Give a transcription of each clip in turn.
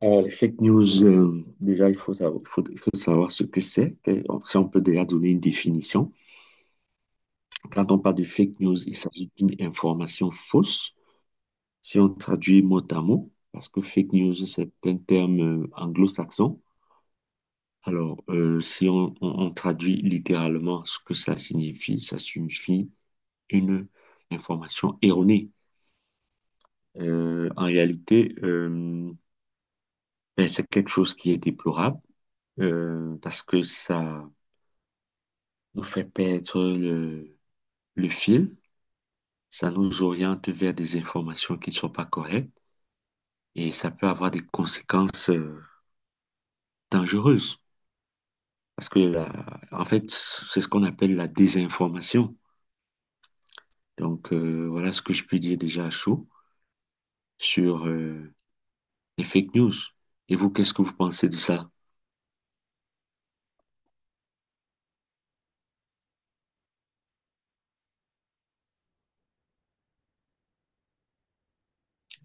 Alors, les fake news, déjà, il faut savoir, il faut savoir ce que c'est. Si on peut déjà donner une définition. Quand on parle de fake news, il s'agit d'une information fausse. Si on traduit mot à mot, parce que fake news, c'est un terme anglo-saxon. Alors, si on traduit littéralement ce que ça signifie une information erronée. En réalité, ben, c'est quelque chose qui est déplorable parce que ça nous fait perdre le fil, ça nous oriente vers des informations qui ne sont pas correctes et ça peut avoir des conséquences dangereuses. Parce que, en fait, c'est ce qu'on appelle la désinformation. Donc, voilà ce que je peux dire déjà à chaud sur les fake news. Et vous, qu'est-ce que vous pensez de ça?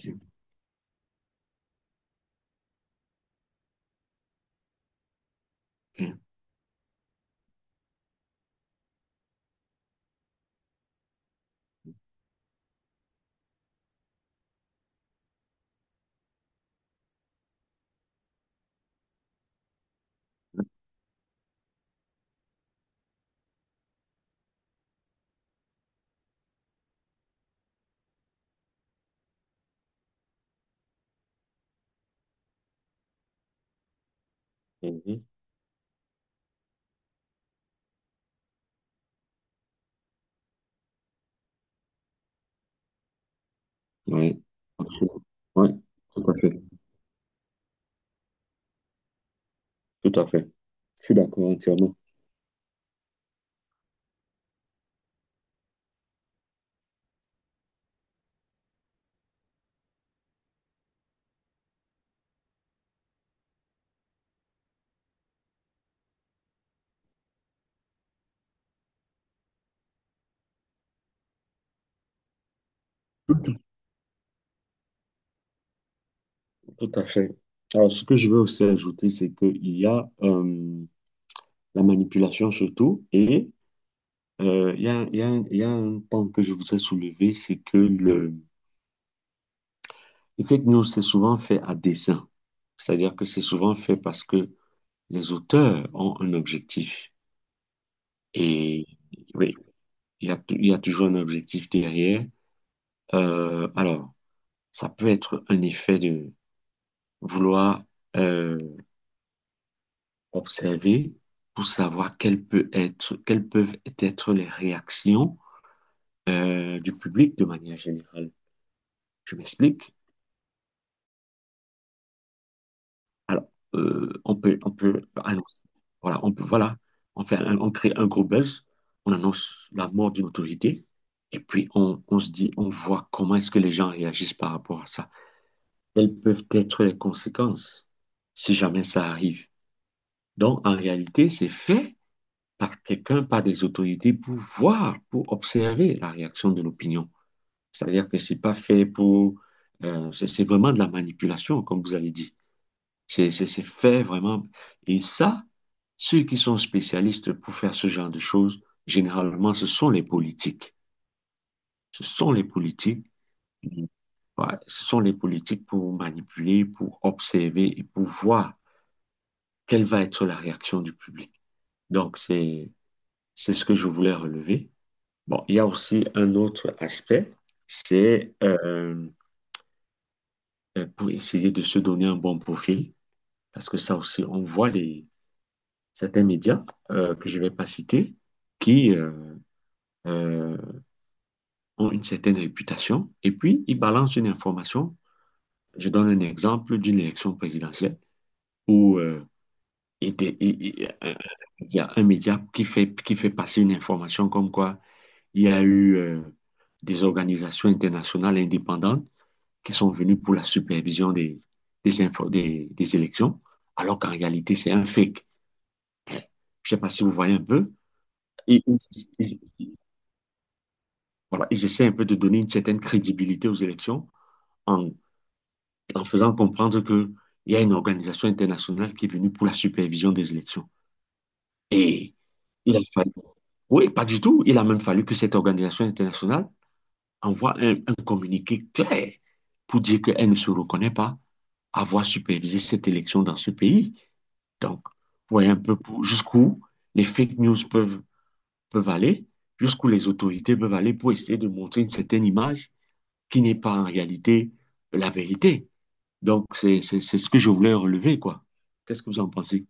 Oui, Oui, tout à fait. Tout à fait. Je suis d'accord entièrement. Tout à fait. Alors, ce que je veux aussi ajouter, c'est qu'il y a la manipulation surtout, et il y a un point que je voudrais soulever, c'est que le fake news, c'est souvent fait à dessein. C'est-à-dire que c'est souvent fait parce que les auteurs ont un objectif. Et oui, il y a toujours un objectif derrière. Alors, ça peut être un effet de vouloir euh, observer pour savoir quelles peuvent être les réactions du public de manière générale. Je m'explique. Alors, on peut annoncer. Voilà, on crée un gros buzz, on annonce la mort d'une autorité, et puis on se dit, on voit comment est-ce que les gens réagissent par rapport à ça. Quelles peuvent être les conséquences si jamais ça arrive? Donc, en réalité, c'est fait par quelqu'un, par des autorités pour voir, pour observer la réaction de l'opinion. C'est-à-dire que c'est pas fait pour... c'est vraiment de la manipulation, comme vous avez dit. C'est fait vraiment. Et ça, ceux qui sont spécialistes pour faire ce genre de choses, généralement, ce sont les politiques. Ce sont les politiques. Ouais, ce sont les politiques pour manipuler, pour observer et pour voir quelle va être la réaction du public. Donc, c'est ce que je voulais relever. Bon, il y a aussi un autre aspect, c'est pour essayer de se donner un bon profil, parce que ça aussi, on voit certains médias que je ne vais pas citer qui euh, ont une certaine réputation, et puis ils balancent une information. Je donne un exemple d'une élection présidentielle où il était- il y a un média qui fait passer une information comme quoi il y a eu des organisations internationales indépendantes qui sont venus pour la supervision des élections, alors qu'en réalité, c'est un fake. Je ne sais pas si vous voyez un peu. Ils, ils, ils- voilà, ils essaient un peu de donner une certaine crédibilité aux élections en, en faisant comprendre qu'il y a une organisation internationale qui est venue pour la supervision des élections. Et il a fallu. Oui, pas du tout. Il a même fallu que cette organisation internationale envoie un communiqué clair pour dire qu'elle ne se reconnaît pas avoir supervisé cette élection dans ce pays. Donc, vous voyez un peu jusqu'où les fake news peuvent, peuvent aller, jusqu'où les autorités peuvent aller pour essayer de montrer une certaine image qui n'est pas en réalité la vérité. Donc, c'est ce que je voulais relever, quoi. Qu'est-ce que vous en pensez?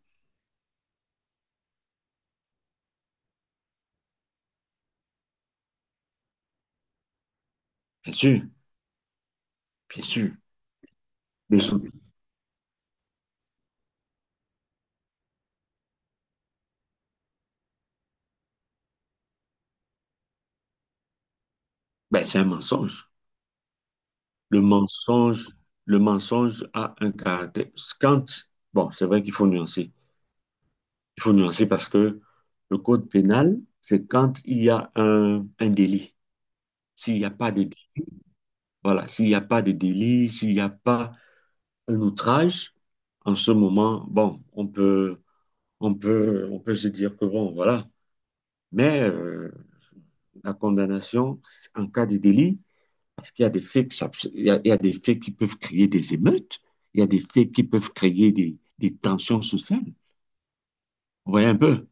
Bien sûr, bien sûr. Les autres- ben, c'est un mensonge. Le mensonge, le mensonge a un caractère. Quand, bon, c'est vrai qu'il faut nuancer. Il faut nuancer parce que le code pénal, c'est quand il y a un délit. S'il n'y a pas de... Voilà, s'il n'y a pas de délit, s'il n'y a pas un outrage, en ce moment, bon, on peut se dire que bon, voilà. Mais la condamnation en cas de délit, parce qu'il y a des faits, il y a des faits qui peuvent créer des émeutes, il y a des faits qui peuvent créer des tensions sociales. Vous voyez un peu?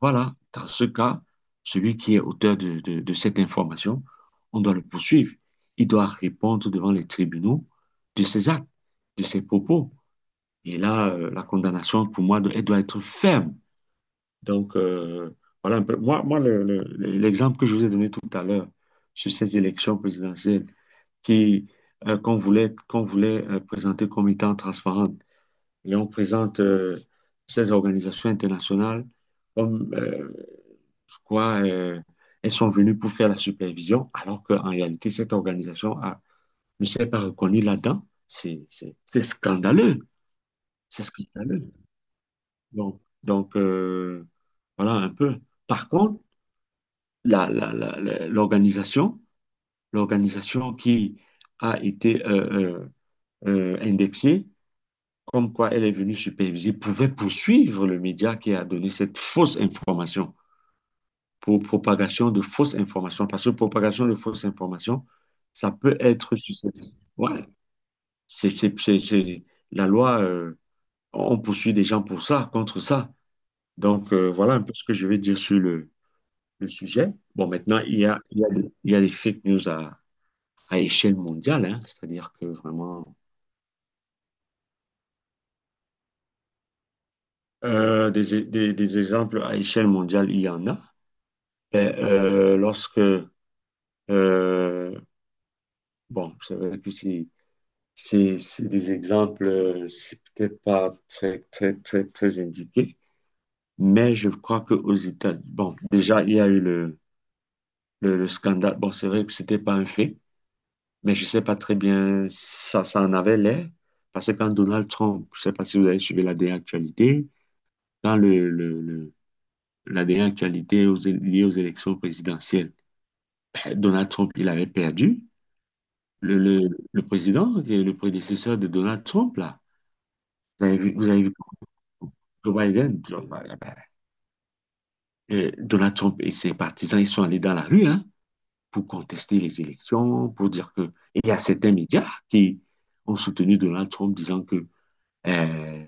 Voilà, dans ce cas, celui qui est auteur de cette information, on doit le poursuivre. Il doit répondre devant les tribunaux de ses actes, de ses propos. Et là, la condamnation, pour moi, elle doit être ferme. Donc, voilà un peu. Moi, l'exemple que je vous ai donné tout à l'heure sur ces élections présidentielles qui, qu'on voulait présenter comme étant transparentes, et on présente ces organisations internationales comme... pourquoi elles sont venues pour faire la supervision alors qu'en réalité, ne s'est pas reconnue là-dedans? C'est scandaleux. C'est scandaleux. Donc, voilà un peu. Par contre, la, la- la- la- l'organisation, l'organisation qui a été indexée, comme quoi elle est venue superviser, pouvait poursuivre le média qui a donné cette fausse information pour propagation de fausses informations. Parce que propagation de fausses informations, ça peut être susceptible. Ouais, c'est, c'est, c'est, c'est- la loi, on poursuit des gens pour ça, contre ça. Donc, voilà un peu ce que je vais dire sur le sujet. Bon, maintenant, il y a des fake news à échelle mondiale, hein. C'est-à-dire que vraiment, des exemples à échelle mondiale, il y en a. Ben, euh, bon, c'est vrai que c'est des exemples, c'est peut-être pas très indiqué, mais je crois qu'aux États-Unis, bon, déjà, il y a eu le scandale. Bon, c'est vrai que c'était pas un fait, mais je sais pas très bien, ça en avait l'air, parce que quand Donald Trump, je sais pas si vous avez suivi la dernière actualité, dans la dernière actualité liée aux élections présidentielles, ben, Donald Trump, il avait perdu. Le, le, le président, et le prédécesseur de Donald Trump, là, vous avez vu Joe Biden, Donald Trump et ses partisans, ils sont allés dans la rue hein, pour contester les élections, pour dire que... Et il y a certains médias qui ont soutenu Donald Trump disant que euh,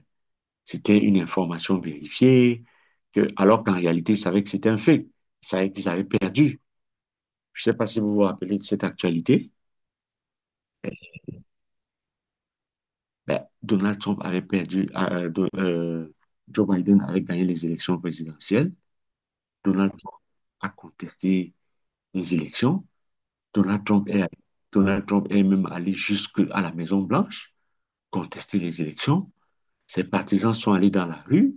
c'était une information vérifiée, que, alors qu'en réalité, ils savaient que c'était un fait. Ils savaient qu'ils avaient perdu. Je ne sais pas si vous vous rappelez de cette actualité. Ben, Donald Trump avait perdu, Joe Biden avait gagné les élections présidentielles. Donald Trump a contesté les élections. Donald Trump est, Donald Trump est même allé jusqu'à la Maison Blanche contester les élections. Ses partisans sont allés dans la rue.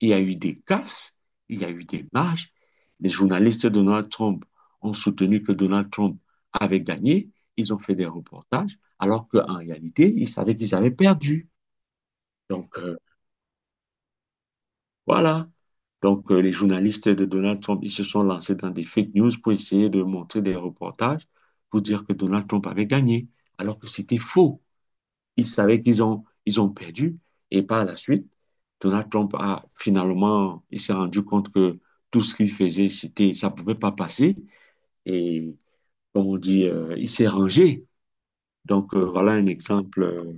Il y a eu des casses, il y a eu des marches. Les journalistes de Donald Trump ont soutenu que Donald Trump avait gagné. Ils ont fait des reportages, alors qu'en réalité, ils savaient qu'ils avaient perdu. Donc, Voilà. Donc, les journalistes de Donald Trump, ils se sont lancés dans des fake news pour essayer de montrer des reportages pour dire que Donald Trump avait gagné, alors que c'était faux. Ils savaient ils ont perdu. Et par la suite, Donald Trump a finalement, il s'est rendu compte que tout ce qu'il faisait, ça ne pouvait pas passer. Et comme on dit, il s'est rangé. Donc, voilà un exemple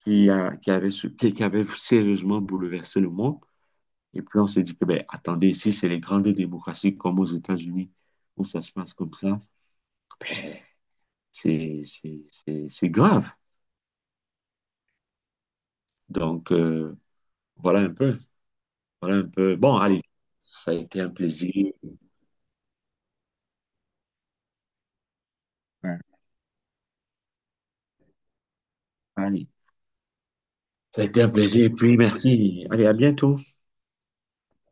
qui a, qui avait sérieusement bouleversé le monde. Et puis on s'est dit que, ben, attendez, si c'est les grandes démocraties comme aux États-Unis, où ça se passe comme ça, ben, c'est grave. Donc, voilà un peu. Voilà un peu. Bon, allez, ça a été un plaisir. Ouais. Allez, ça a été un plaisir. Et puis, merci. Allez, à bientôt.